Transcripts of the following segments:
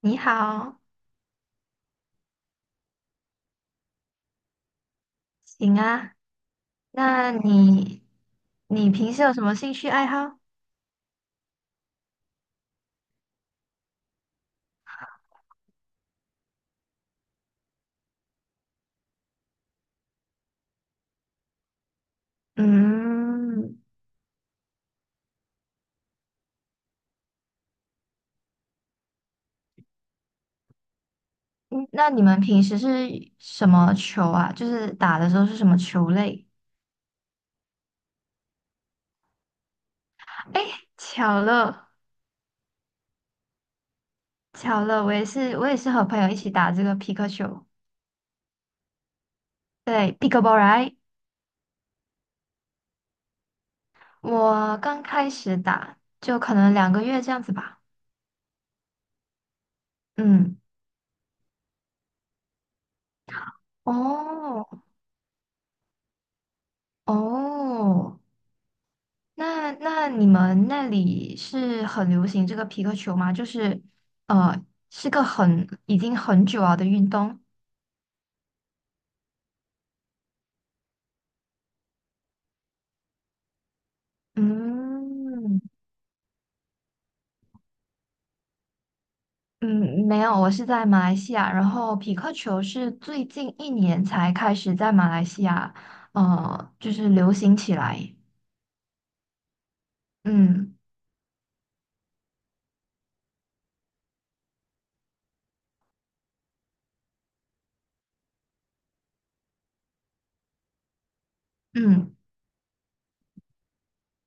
你好，行啊。那你平时有什么兴趣爱好？嗯，嗯那你们平时是什么球啊？就是打的时候是什么球类？哎，巧了，巧了，我也是和朋友一起打这个皮克球，对，pickleball right？我刚开始打，就可能2个月这样子吧。嗯，哦哦，那你们那里是很流行这个皮克球吗？就是呃，是个很已经很久了的运动。嗯嗯，没有，我是在马来西亚，然后匹克球是最近一年才开始在马来西亚就是流行起来。嗯嗯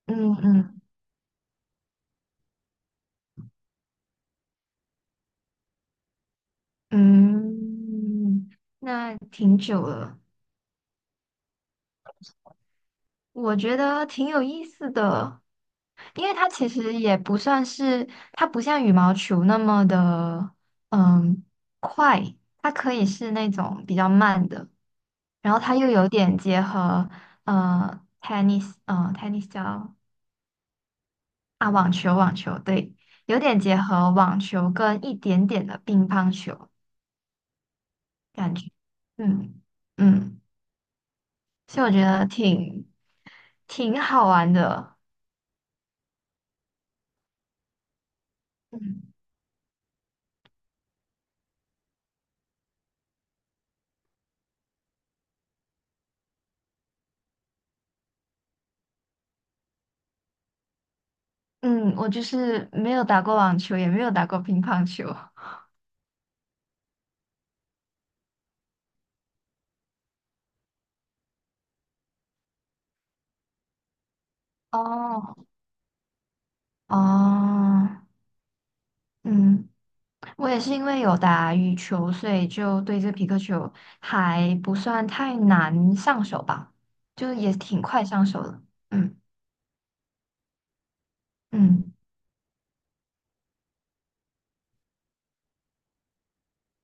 嗯嗯嗯，那挺久了，我觉得挺有意思的。因为它其实也不算是，它不像羽毛球那么的，嗯，快，它可以是那种比较慢的，然后它又有点结合，tennis 叫啊，网球，网球，对，有点结合网球跟一点点的乒乓球感觉，嗯嗯，所以我觉得挺好玩的，嗯嗯，我就是没有打过网球，也没有打过乒乓球。哦哦，嗯，我也是因为有打羽球，所以就对这皮克球还不算太难上手吧，就也挺快上手的。嗯嗯，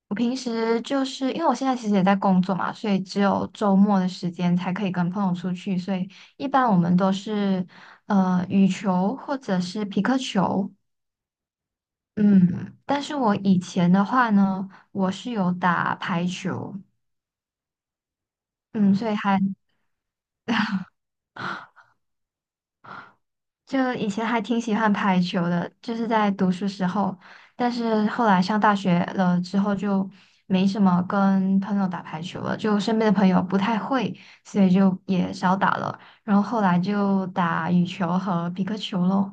我平时就是因为我现在其实也在工作嘛，所以只有周末的时间才可以跟朋友出去，所以一般我们都是羽球或者是皮克球。嗯，但是我以前的话呢，我是有打排球，嗯，所以还 就以前还挺喜欢排球的，就是在读书时候，但是后来上大学了之后就没什么跟朋友打排球了，就身边的朋友不太会，所以就也少打了。然后后来就打羽球和皮克球喽。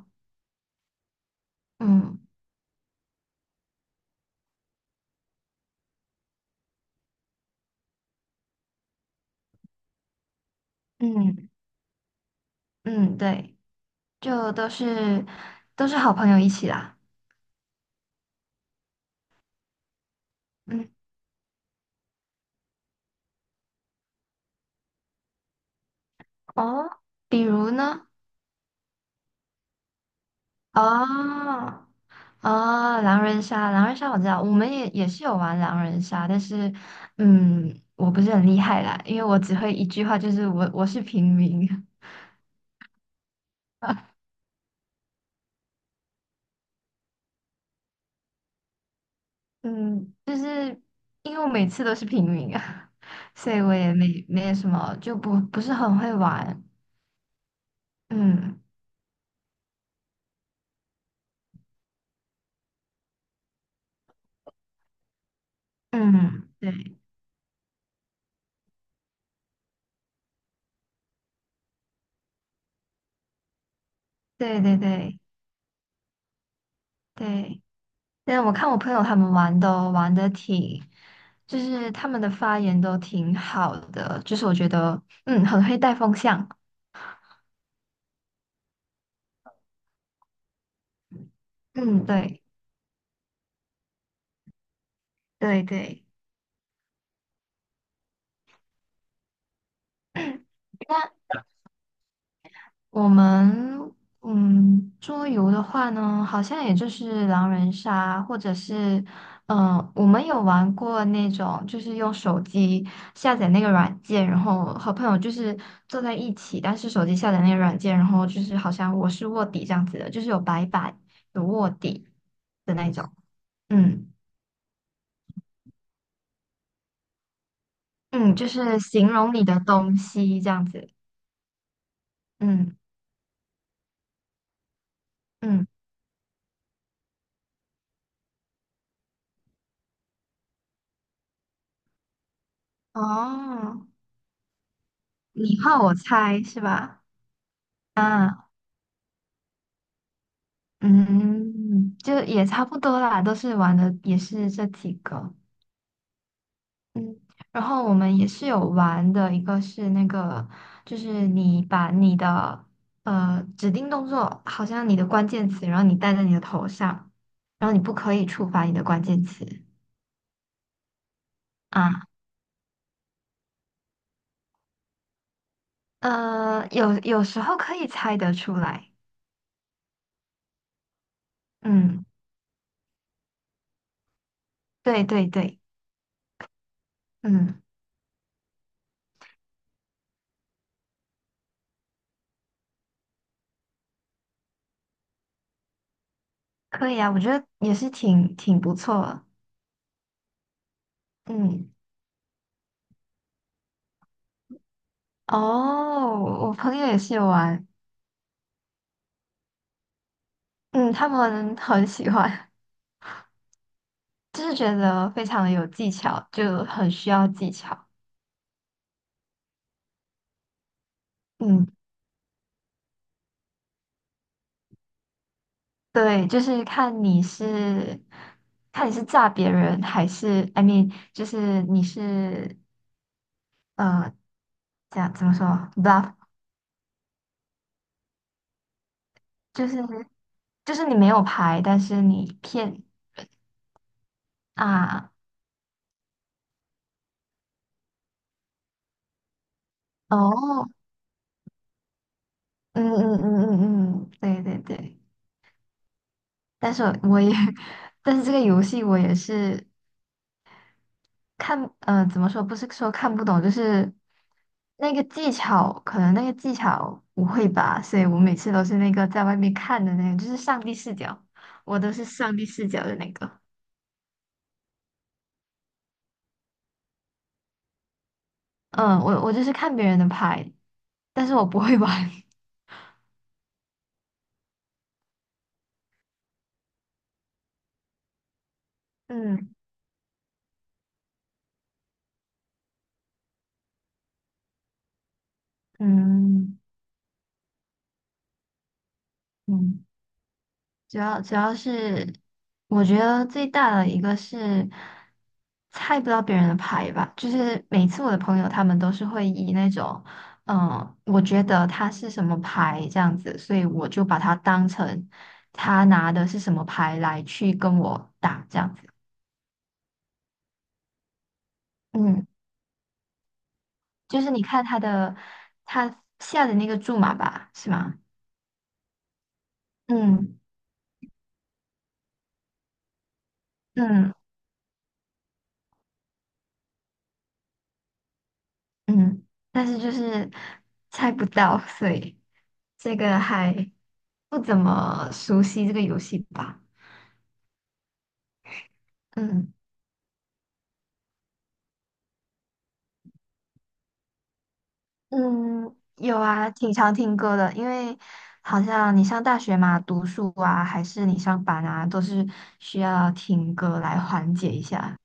嗯嗯嗯，对，就都是好朋友一起啦。嗯哦，比如呢？哦。啊，狼人杀，狼人杀我知道，我们也是有玩狼人杀，但是，我不是很厉害啦，因为我只会一句话，就是我是平民，嗯，就是因为我每次都是平民啊，所以我也没有什么，就不是很会玩，嗯嗯，对对对对对，但我看我朋友他们玩都玩的挺，就是他们的发言都挺好的，就是我觉得很会带风向。嗯，对对对。那我们桌游的话呢，好像也就是狼人杀，或者是我们有玩过那种，就是用手机下载那个软件，然后和朋友就是坐在一起，但是手机下载那个软件，然后就是好像我是卧底这样子的，就是有白板有卧底的那种，嗯嗯，就是形容你的东西这样子，嗯嗯，哦。你换我猜是吧？啊，嗯，就也差不多啦，都是玩的也是这几个，嗯，然后我们也是有玩的，一个是那个，就是你把你的指定动作，好像你的关键词，然后你戴在你的头上，然后你不可以触发你的关键词啊，有时候可以猜得出来，嗯，对对对，嗯，可以啊，我觉得也是挺不错的，嗯。哦，我朋友也是有玩，嗯，他们很喜欢，就是觉得非常的有技巧，就很需要技巧。嗯，对，就是看你是炸别人，还是 I mean，就是你是呃，这样怎么说 bluff，就是就是你没有牌，但是你骗啊，哦，嗯嗯嗯嗯嗯，对对对，但是我也。但是这个游戏我也是，看，怎么说？不是说看不懂，就是那个技巧，可能那个技巧不会吧，所以我每次都是那个在外面看的那个，就是上帝视角，我都是上帝视角的那个。嗯，我就是看别人的牌，但是我不会玩。嗯嗯嗯。主要是，我觉得最大的一个是猜不到别人的牌吧，就是每次我的朋友他们都是会以那种，嗯，我觉得他是什么牌这样子，所以我就把它当成他拿的是什么牌来去跟我打这样子。嗯，就是你看他的他下的那个注码吧，是吗？嗯嗯。嗯，但是就是猜不到，所以这个还不怎么熟悉这个游戏吧。嗯嗯，有啊，挺常听歌的，因为好像你上大学嘛，读书啊，还是你上班啊，都是需要听歌来缓解一下。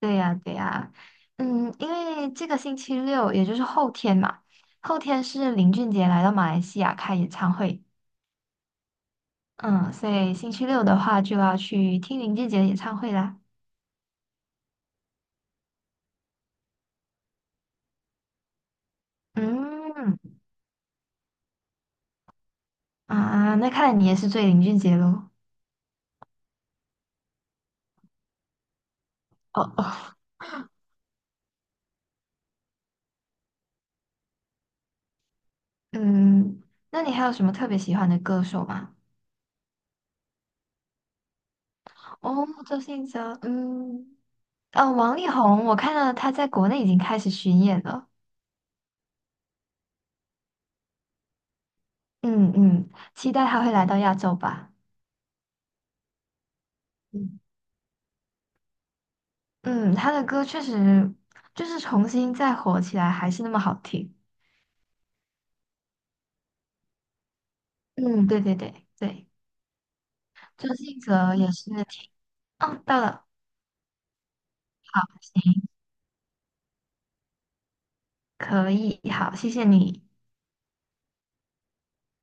对呀，对呀，嗯，因为这个星期六，也就是后天嘛，后天是林俊杰来到马来西亚开演唱会，嗯，所以星期六的话就要去听林俊杰的演唱会啦。嗯，啊，那看来你也是追林俊杰喽。哦，哦，嗯，那你还有什么特别喜欢的歌手吗？哦，周星哲，嗯，王力宏，我看到他在国内已经开始巡演了。嗯嗯，期待他会来到亚洲吧。嗯嗯，他的歌确实就是重新再火起来，还是那么好听。嗯，对对对对，周星哲也是挺，哦，到了。好，行，可以，好，谢谢你，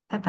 拜拜。